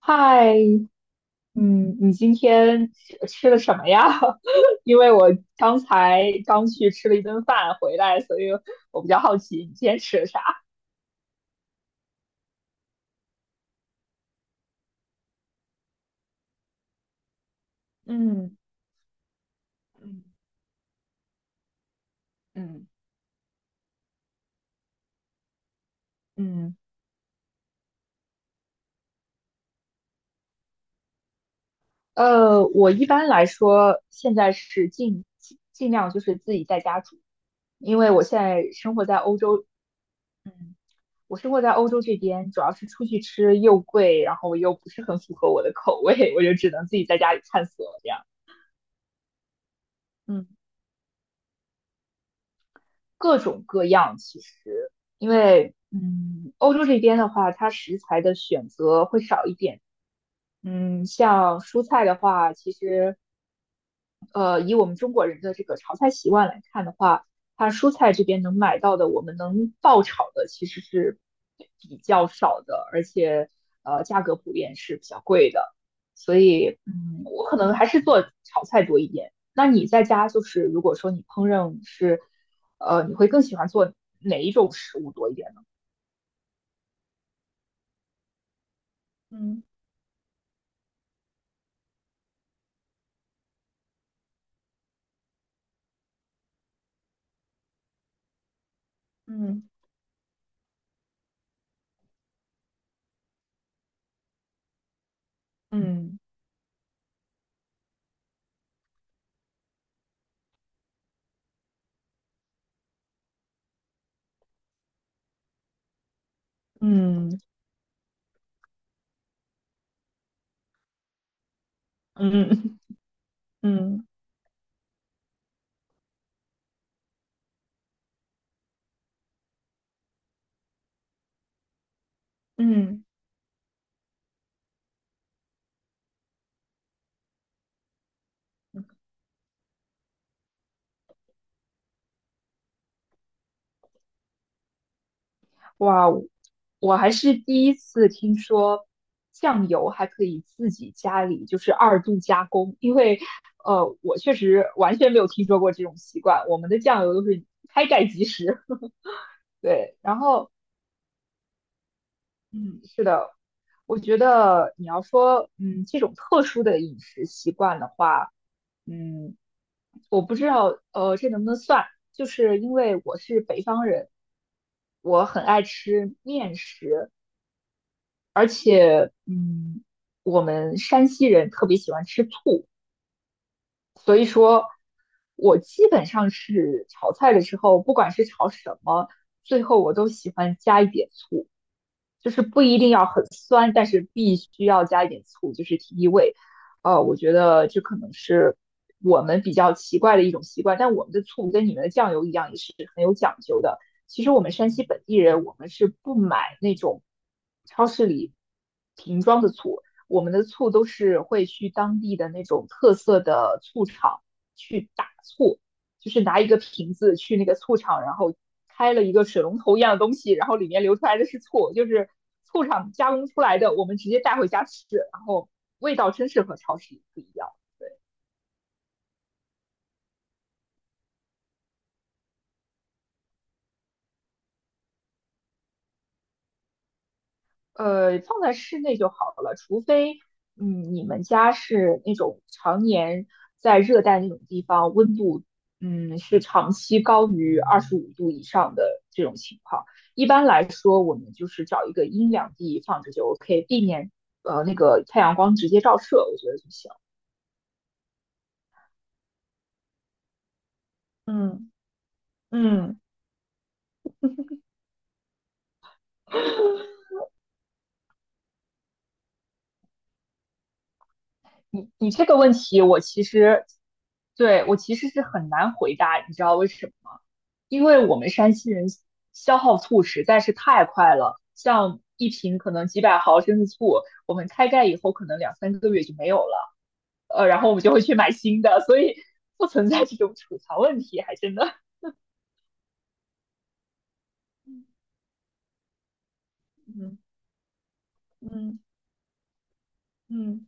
嗨，嗯，你今天吃了什么呀？因为我刚才去吃了一顿饭回来，所以我比较好奇你今天吃了啥。嗯嗯嗯嗯。我一般来说现在是尽量就是自己在家煮，因为我现在生活在欧洲。嗯，我生活在欧洲这边，主要是出去吃又贵，然后又不是很符合我的口味，我就只能自己在家里探索这样。嗯。各种各样。其实，因为欧洲这边的话，它食材的选择会少一点。像蔬菜的话，其实以我们中国人的这个炒菜习惯来看的话，它蔬菜这边能买到的，我们能爆炒的其实是比较少的，而且价格普遍是比较贵的，所以我可能还是做炒菜多一点。那你在家就是如果说你烹饪是，你会更喜欢做哪一种食物多一点呢？嗯嗯嗯嗯嗯嗯嗯。嗯嗯嗯。哇，我还是第一次听说酱油还可以自己家里就是二度加工，因为我确实完全没有听说过这种习惯。我们的酱油都是开盖即食，对。然后，嗯，是的，我觉得你要说，这种特殊的饮食习惯的话，嗯，我不知道，这能不能算？就是因为我是北方人，我很爱吃面食。而且，我们山西人特别喜欢吃醋。所以说，我基本上是炒菜的时候，不管是炒什么，最后我都喜欢加一点醋，就是不一定要很酸，但是必须要加一点醋，就是提提味。我觉得这可能是我们比较奇怪的一种习惯，但我们的醋跟你们的酱油一样，也是很有讲究的。其实我们山西本地人，我们是不买那种超市里瓶装的醋，我们的醋都是会去当地的那种特色的醋厂去打醋，就是拿一个瓶子去那个醋厂，然后开了一个水龙头一样的东西，然后里面流出来的是醋，就是醋厂加工出来的，我们直接带回家吃，然后味道真是和超市不一样。放在室内就好了，除非，你们家是那种常年在热带那种地方，温度，是长期高于25度以上的这种情况。一般来说，我们就是找一个阴凉地放着就 OK,避免那个太阳光直接照射，我觉得就行。嗯嗯。你这个问题，我其实，对，我其实是很难回答，你知道为什么吗？因为我们山西人消耗醋实在是太快了，像一瓶可能几百毫升的醋，我们开盖以后可能两三个月就没有了，然后我们就会去买新的，所以不存在这种储藏问题，还真的。嗯嗯嗯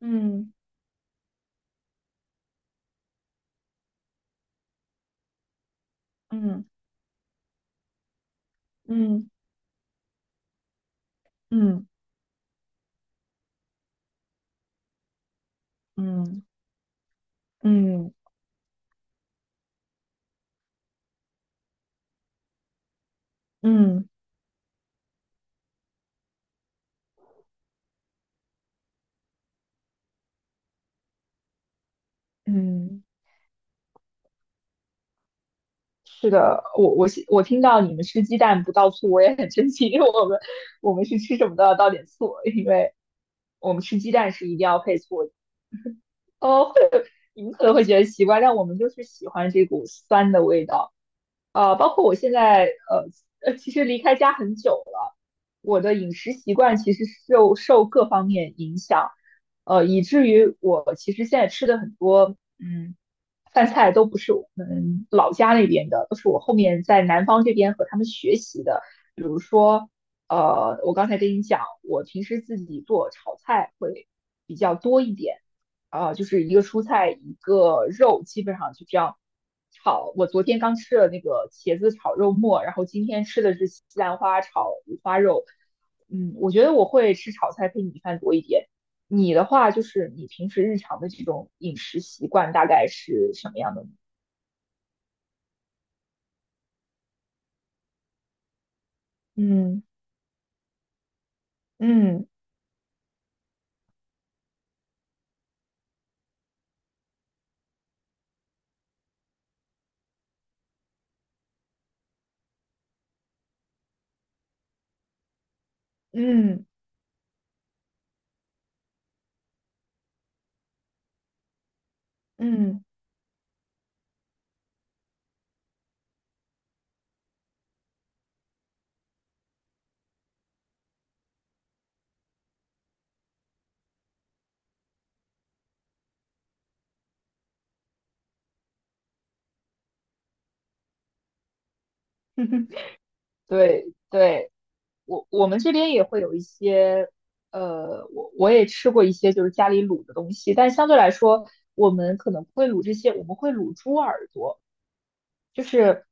嗯嗯嗯嗯嗯嗯嗯嗯。嗯嗯嗯嗯。是的，我听到你们吃鸡蛋不倒醋，我也很生气，因为我们是吃什么都要倒点醋，因为我们吃鸡蛋是一定要配醋。会，你们可能会觉得奇怪，但我们就是喜欢这股酸的味道。包括我现在，呃其实离开家很久了，我的饮食习惯其实受各方面影响，以至于我其实现在吃的很多，饭菜都不是我们老家那边的，都是我后面在南方这边和他们学习的。比如说，我刚才跟你讲，我平时自己做炒菜会比较多一点。啊，就是一个蔬菜一个肉，基本上就这样炒。我昨天刚吃了那个茄子炒肉末，然后今天吃的是西兰花炒五花肉。嗯，我觉得我会吃炒菜配米饭多一点。你的话，就是你平时日常的这种饮食习惯大概是什么样的呢？嗯嗯嗯嗯，对对，我们这边也会有一些，我也吃过一些就是家里卤的东西，但相对来说，我们可能不会卤这些，我们会卤猪耳朵，就是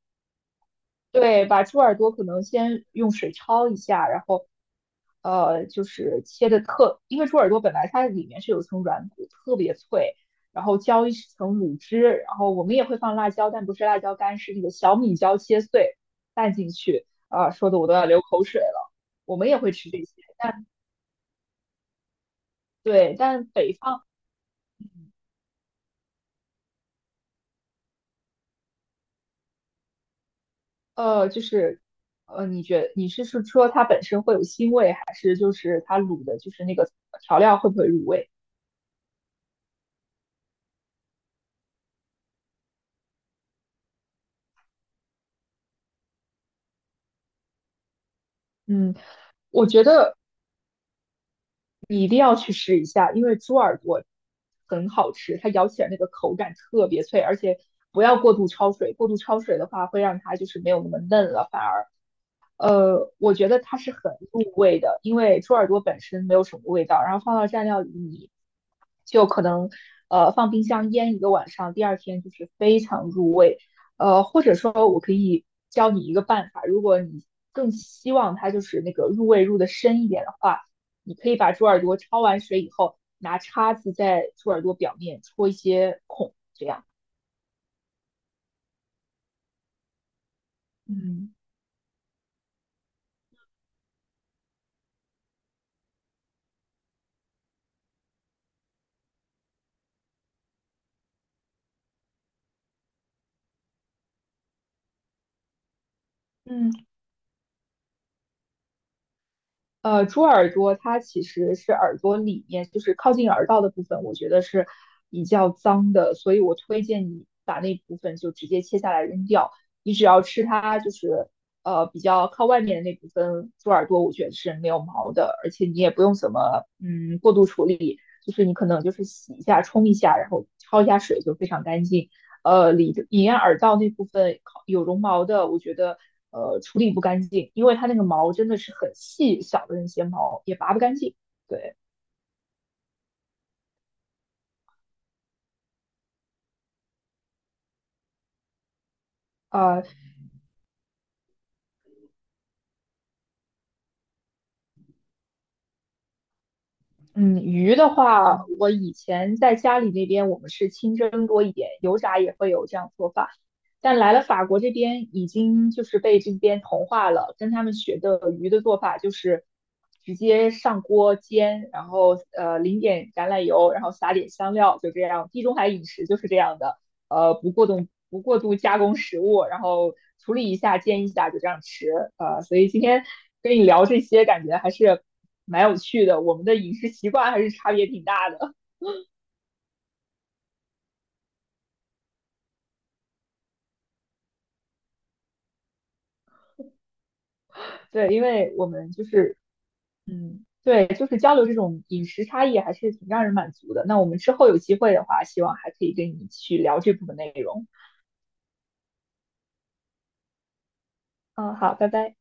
对，把猪耳朵可能先用水焯一下，然后就是切的特，因为猪耳朵本来它里面是有层软骨，特别脆，然后浇一层卤汁，然后我们也会放辣椒，但不是辣椒干，是那个小米椒切碎拌进去，啊、说的我都要流口水了。我们也会吃这些，对，但北方，呃，就是，你是说它本身会有腥味，还是就是它卤的，就是那个调料会不会入味？嗯，我觉得你一定要去试一下，因为猪耳朵很好吃，它咬起来那个口感特别脆，而且不要过度焯水，过度焯水的话会让它就是没有那么嫩了，反而。我觉得它是很入味的，因为猪耳朵本身没有什么味道，然后放到蘸料里，你就可能放冰箱腌一个晚上，第二天就是非常入味。或者说我可以教你一个办法，如果你更希望它就是那个入味入的深一点的话，你可以把猪耳朵焯完水以后，拿叉子在猪耳朵表面戳一些孔，这样。嗯。嗯，猪耳朵它其实是耳朵里面，就是靠近耳道的部分，我觉得是比较脏的，所以我推荐你把那部分就直接切下来扔掉。你只要吃它，就是比较靠外面的那部分猪耳朵，我觉得是没有毛的，而且你也不用怎么过度处理，就是你可能就是洗一下、冲一下，然后焯一下水就非常干净。里隐耳道那部分有绒毛的，我觉得处理不干净，因为它那个毛真的是很细小的那些毛也拔不干净。对，呃，嗯，鱼的话，我以前在家里那边我们是清蒸多一点，油炸也会有这样做法。但来了法国这边，已经就是被这边同化了，跟他们学的鱼的做法就是直接上锅煎，然后淋点橄榄油，然后撒点香料，就这样。地中海饮食就是这样的，不过度加工食物，然后处理一下、煎一下就这样吃。所以今天跟你聊这些，感觉还是蛮有趣的。我们的饮食习惯还是差别挺大的。对，因为我们就是，对，就是交流这种饮食差异还是挺让人满足的。那我们之后有机会的话，希望还可以跟你去聊这部分内容。嗯，好，拜拜。